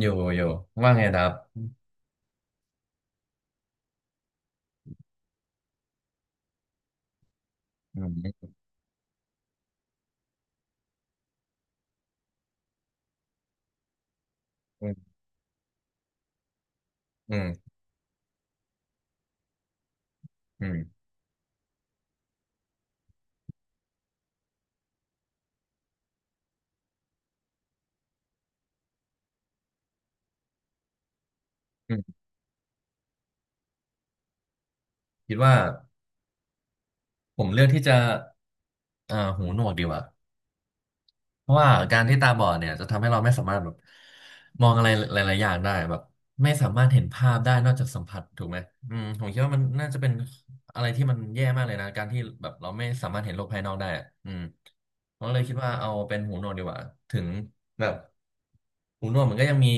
อยู่อยู่ว่าไงดับอืมอืมอืมอืมอืมคิดว่าผมเลือกที่จะหูหนวกดีกว่า เพราะว่าการที่ตาบอดเนี่ยจะทำให้เราไม่สามารถแบบมองอะไรหลายๆอย่างได้แบบไม่สามารถเห็นภาพได้นอกจากสัมผัสถูกไหมอืมผมคิดว่ามันน่าจะเป็นอะไรที่มันแย่มากเลยนะการที่แบบเราไม่สามารถเห็นโลกภายนอกได้อะอืมผมก็เลยคิดว่าเอาเป็นหูหนวกดีกว่าถึงแบบหูหนวกมันก็ยังมี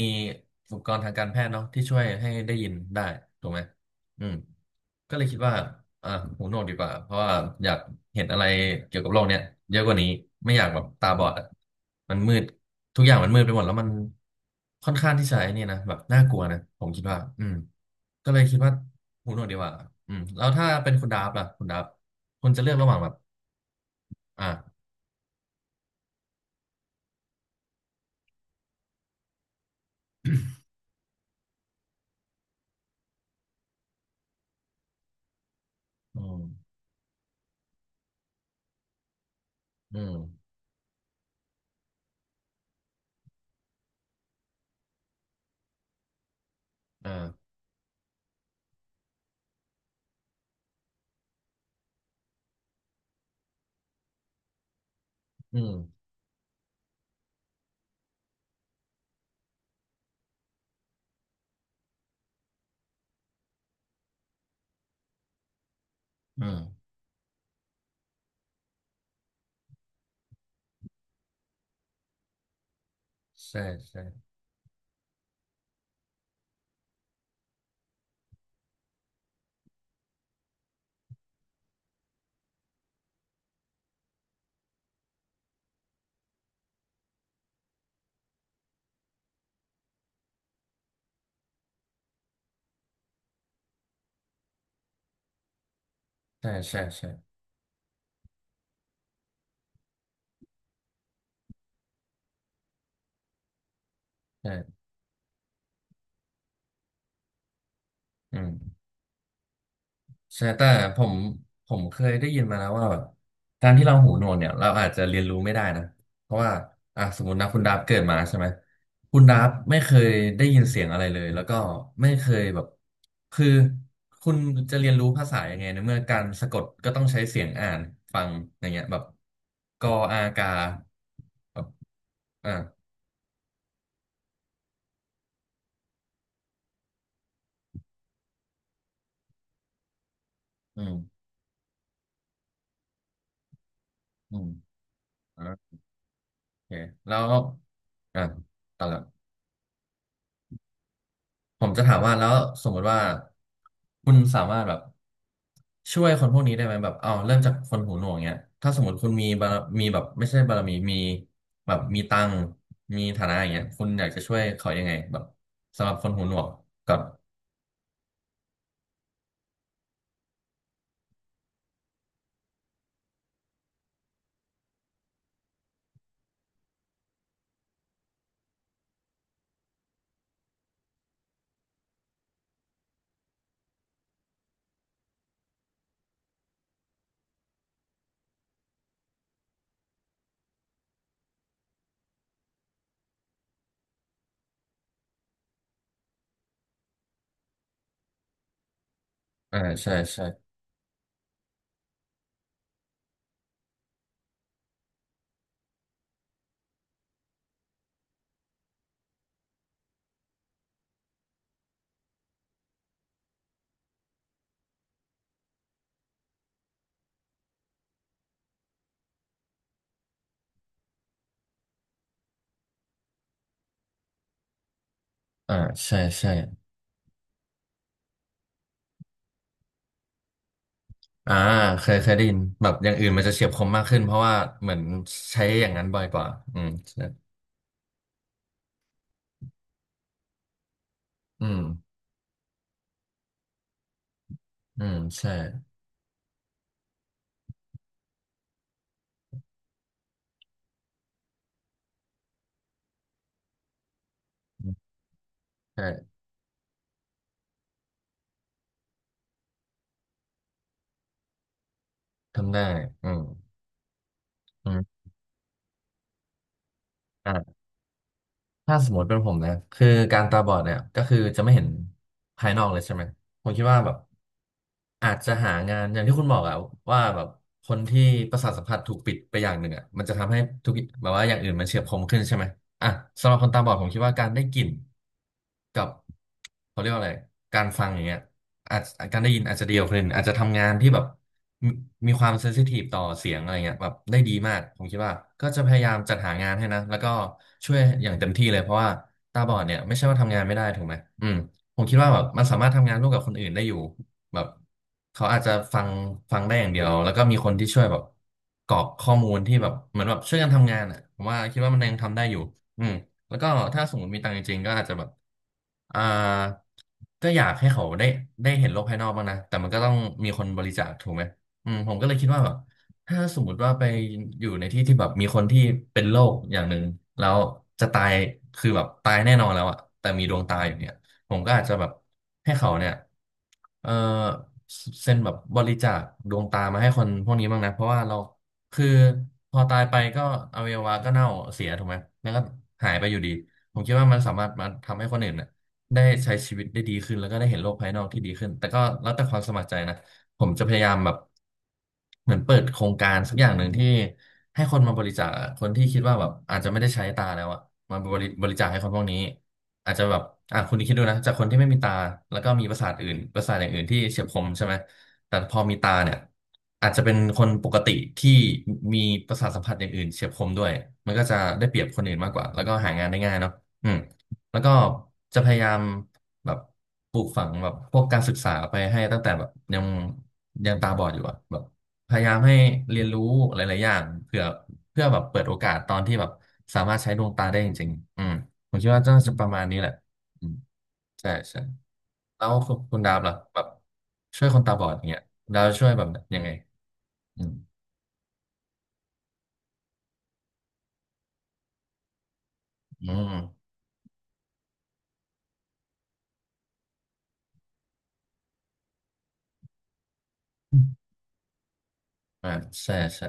อุปกรณ์ทางการแพทย์เนาะที่ช่วยให้ได้ยินได้ถูกไหมอืม ก็เลยคิดว่าอ่าหูหนวกดีกว่าเพราะว่าอยากเห็นอะไรเกี่ยวกับโลกเนี้ยเยอะกว่านี้ไม่อยากแบบตาบอดอ่ะมันมืดทุกอย่างมันมืดไปหมดแล้วมันค่อนข้างที่จะไอ้นี่นะแบบน่ากลัวนะผมคิดว่าอืมก็เลยคิดว่าหูหนวกดีกว่าอืมแล้วถ้าเป็นคุณดาฟล่ะคุณดาฟคุณจะเลือกระหว่างแบบอ่าอืมอืมอ่าอืมอืมใช่ใช่ใช่ใช่ใช่ใช่อืม ใช่แต่ผมผมเคยได้ยินมาแล้วว่าแบบการที่เราหูหนวกเนี่ยเราอาจจะเรียนรู้ไม่ได้นะเพราะว่าอ่ะสมมตินะคุณดาบเกิดมาใช่ไหมคุณดาบไม่เคยได้ยินเสียงอะไรเลยแล้วก็ไม่เคยแบบคือคุณจะเรียนรู้ภาษายังไงในเมื่อการสะกดก็ต้องใช้เสียงอ่านฟังอย่างเงี้ยแบบกออากาแบบอ่าอืมอืมอ่าโอเคแล้วอ่ะต่อละ ผมจะถามว่าแล้วสมมติว่าคุณสามารถแบบช่วยคนพวกนี้ได้ไหมแบบเอาเริ่มจากคนหูหนวกเนี้ยถ้าสมมติคุณมีบารมีแบบไม่ใช่บารมีแบบมีตังค์มีฐานะอย่างเงี้ยคุณอยากจะช่วยเขายังไงแบบสำหรับคนหูหนวกก่อนอ่าใช่ใช่อ่าใช่ใช่อ่าเคยเคยได้ยินแบบอย่างอื่นมันจะเฉียบคมมากขึ้นเพราะว่าเหมือนใช้อย่างนั้นบ่อยกว่าอืมใช่อืมอืมใช่ใช่ทำได้อืมอืมอ่า ถ้าสมมติเป็นผมนะคือการตาบอดเนี่ยก็คือจะไม่เห็นภายนอกเลยใช่ไหมผมคิดว่าแบบอาจจะหางานอย่างที่คุณบอกอะว่าแบบคนที่ประสาทสัมผัสถูกปิดไปอย่างหนึ่งอะมันจะทำให้ทุกแบบว่าอย่างอื่นมันเฉียบคมขึ้นใช่ไหมอ่ะสำหรับคนตาบอดผมคิดว่าการได้กลิ่นกับเขาเรียกว่าอะไรการฟังอย่างเงี้ยอาจการได้ยินอาจจะเดียวาคนอื่นอาจจะทำงานที่แบบ มีมีความเซนซิทีฟต่อเสียงอะไรเงี้ยแบบได้ดีมากผมคิดว่าก็จะพยายามจัดหางานให้นะแล้วก็ช่วยอย่างเต็มที่เลยเพราะว่าตาบอดเนี่ยไม่ใช่ว่าทำงานไม่ได้ถูกไหมอืมผมคิดว่าแบบมันสามารถทำงานร่วมกับคนอื่นได้อยู่แบบเขาอาจจะฟังได้อย่างเดียวแล้วก็มีคนที่ช่วยแบบกรอกข้อมูลที่แบบเหมือนแบบช่วยกันทำงานอ่ะผมว่าคิดว่ามันยังทำได้อยู่อืมแล้วก็ถ้าสมมติมีตังค์จริงๆก็อาจจะแบบอ่าก็อยากให้เขาได้ได้เห็นโลกภายนอกบ้างนะแต่มันก็ต้องมีคนบริจาคถูกไหม อืมผมก็เลยคิดว่าแบบถ้าสมมติว่าไปอยู่ในที่ที่แบบมีคนที่เป็นโรคอย่างหนึ่งแล้วจะตายคือแบบตายแน่นอนแล้วอะแต่มีดวงตาอยู่เนี่ยผมก็อาจจะแบบให้เขาเนี่ยเออเซ็นแบบบริจาคดวงตามาให้คนพวกนี้บ้างนะเพราะว่าเราคือพอตายไปก็อวัยวะก็เน่าเสียถูกไหมแล้วก็หายไปอยู่ดีผมคิดว่ามันสามารถมาทำให้คนอื่นเนี่ยได้ใช้ชีวิตได้ดีขึ้นแล้วก็ได้เห็นโลกภายนอกที่ดีขึ้นแต่ก็แล้วแต่ความสมัครใจนะ ผมจะพยายามแบบเหมือนเปิดโครงการสักอย่างหนึ่งที่ให้คนมาบริจาคอะคนที่คิดว่าแบบอาจจะไม่ได้ใช้ตาแล้วอะมาบริบริจาคให้คนพวกนี้อาจจะแบบอ่ะคุณคิดดูนะจากคนที่ไม่มีตาแล้วก็มีประสาทอื่นประสาทอย่างอื่นที่เฉียบคมใช่ไหมแต่พอมีตาเนี่ยอาจจะเป็นคนปกติที่มีประสาทสัมผัสอย่างอื่นเฉียบคมด้วยมันก็จะได้เปรียบคนอื่นมากกว่าแล้วก็หางานได้ง่ายเนาะอืม แล้วก็จะพยายามแบบปลูกฝังแบบพวกการศึกษาไปให้ตั้งแต่แบบยังยังตาบอดอยู่อะแบบพยายามให้เรียนรู้หลายๆอย่างเพื่อแบบเปิดโอกาสตอนที่แบบสามารถใช้ดวงตาได้จริงๆอืมผมคิดว่าน่าจะประมาณนี้แหละอืมใช่ใช่แล้วคุณดาบล่ะแบบช่วยคนตาบอดอย่างเงี้ยดาวช่วยแบบยังไงอืมอืมอ่าใช่ใช่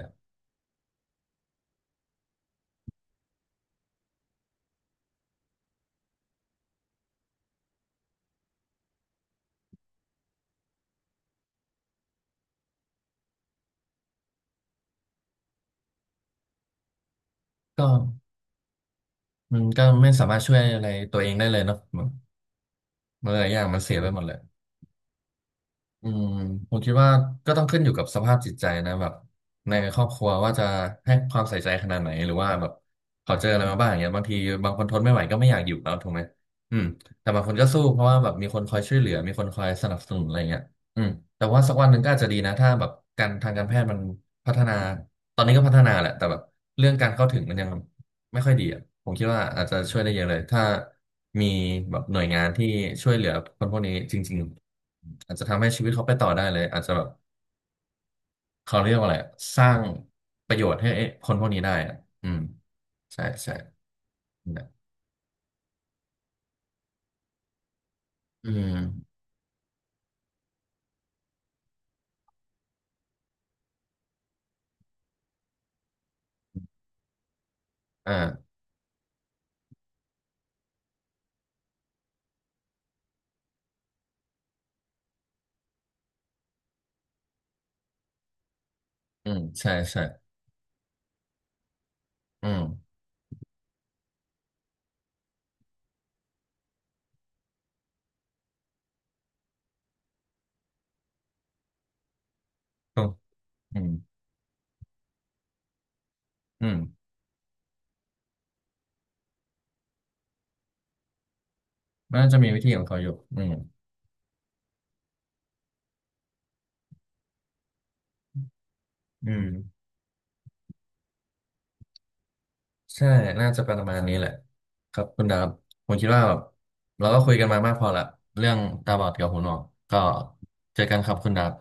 ก็มันก็ไม่สามารถช่วยอะไรตัวเองได้เลยเนาะมันหลายอย่างมันเสียไปหมดเลย อืมผมคิดว่าก็ต้องขึ้นอยู่กับสภาพจิตใจนะแบบในครอบครัวว่าจะให้ความใส่ใจขนาดไหนหรือว่าแบบเขาเจออะไรมาบ้างอย่างเงี้ยบางทีบางคนทนไม่ไหวก็ไม่อยากอยู่แล้วถูกไหมอืมแต่บางคนก็สู้เพราะว่าแบบมีคนคอยช่วยเหลือมีคนคอยสนับสนุนอะไรเงี้ยอืมแต่ว่าสักวันหนึ่งก็อาจจะดีนะถ้าแบบการทางการแพทย์มันพัฒนาตอนนี้ก็พัฒนาแหละแต่แบบเรื่องการเข้าถึงมันยัง ไม่ค่อยดีอ่ะผมคิดว่าอาจจะช่วยได้เยอะเลยถ้ามีแบบหน่วยงานที่ช่วยเหลือคนพวกนี้จริงๆอาจจะทำให้ชีวิตเขาไปต่อได้เลยอาจจะแบบเขาเรียกว่าอะไรอะสร้างประโยชน์ให้คนพวกนี้ได้อ่ะอืมใช่ใช่นะอืมอ่าอืมใช่ใช่อืมถูกอืมอืมน่าจะมีวิธีของเขาอยู่อืมอืม ใช่น่าจะประมาณนี้แหละครับคุณดาบผมคิดว่าแบบเราก็คุยกันมามากพอละเรื่องตาบอดกับหูหนวกก็เจอกันครับคุณดาบ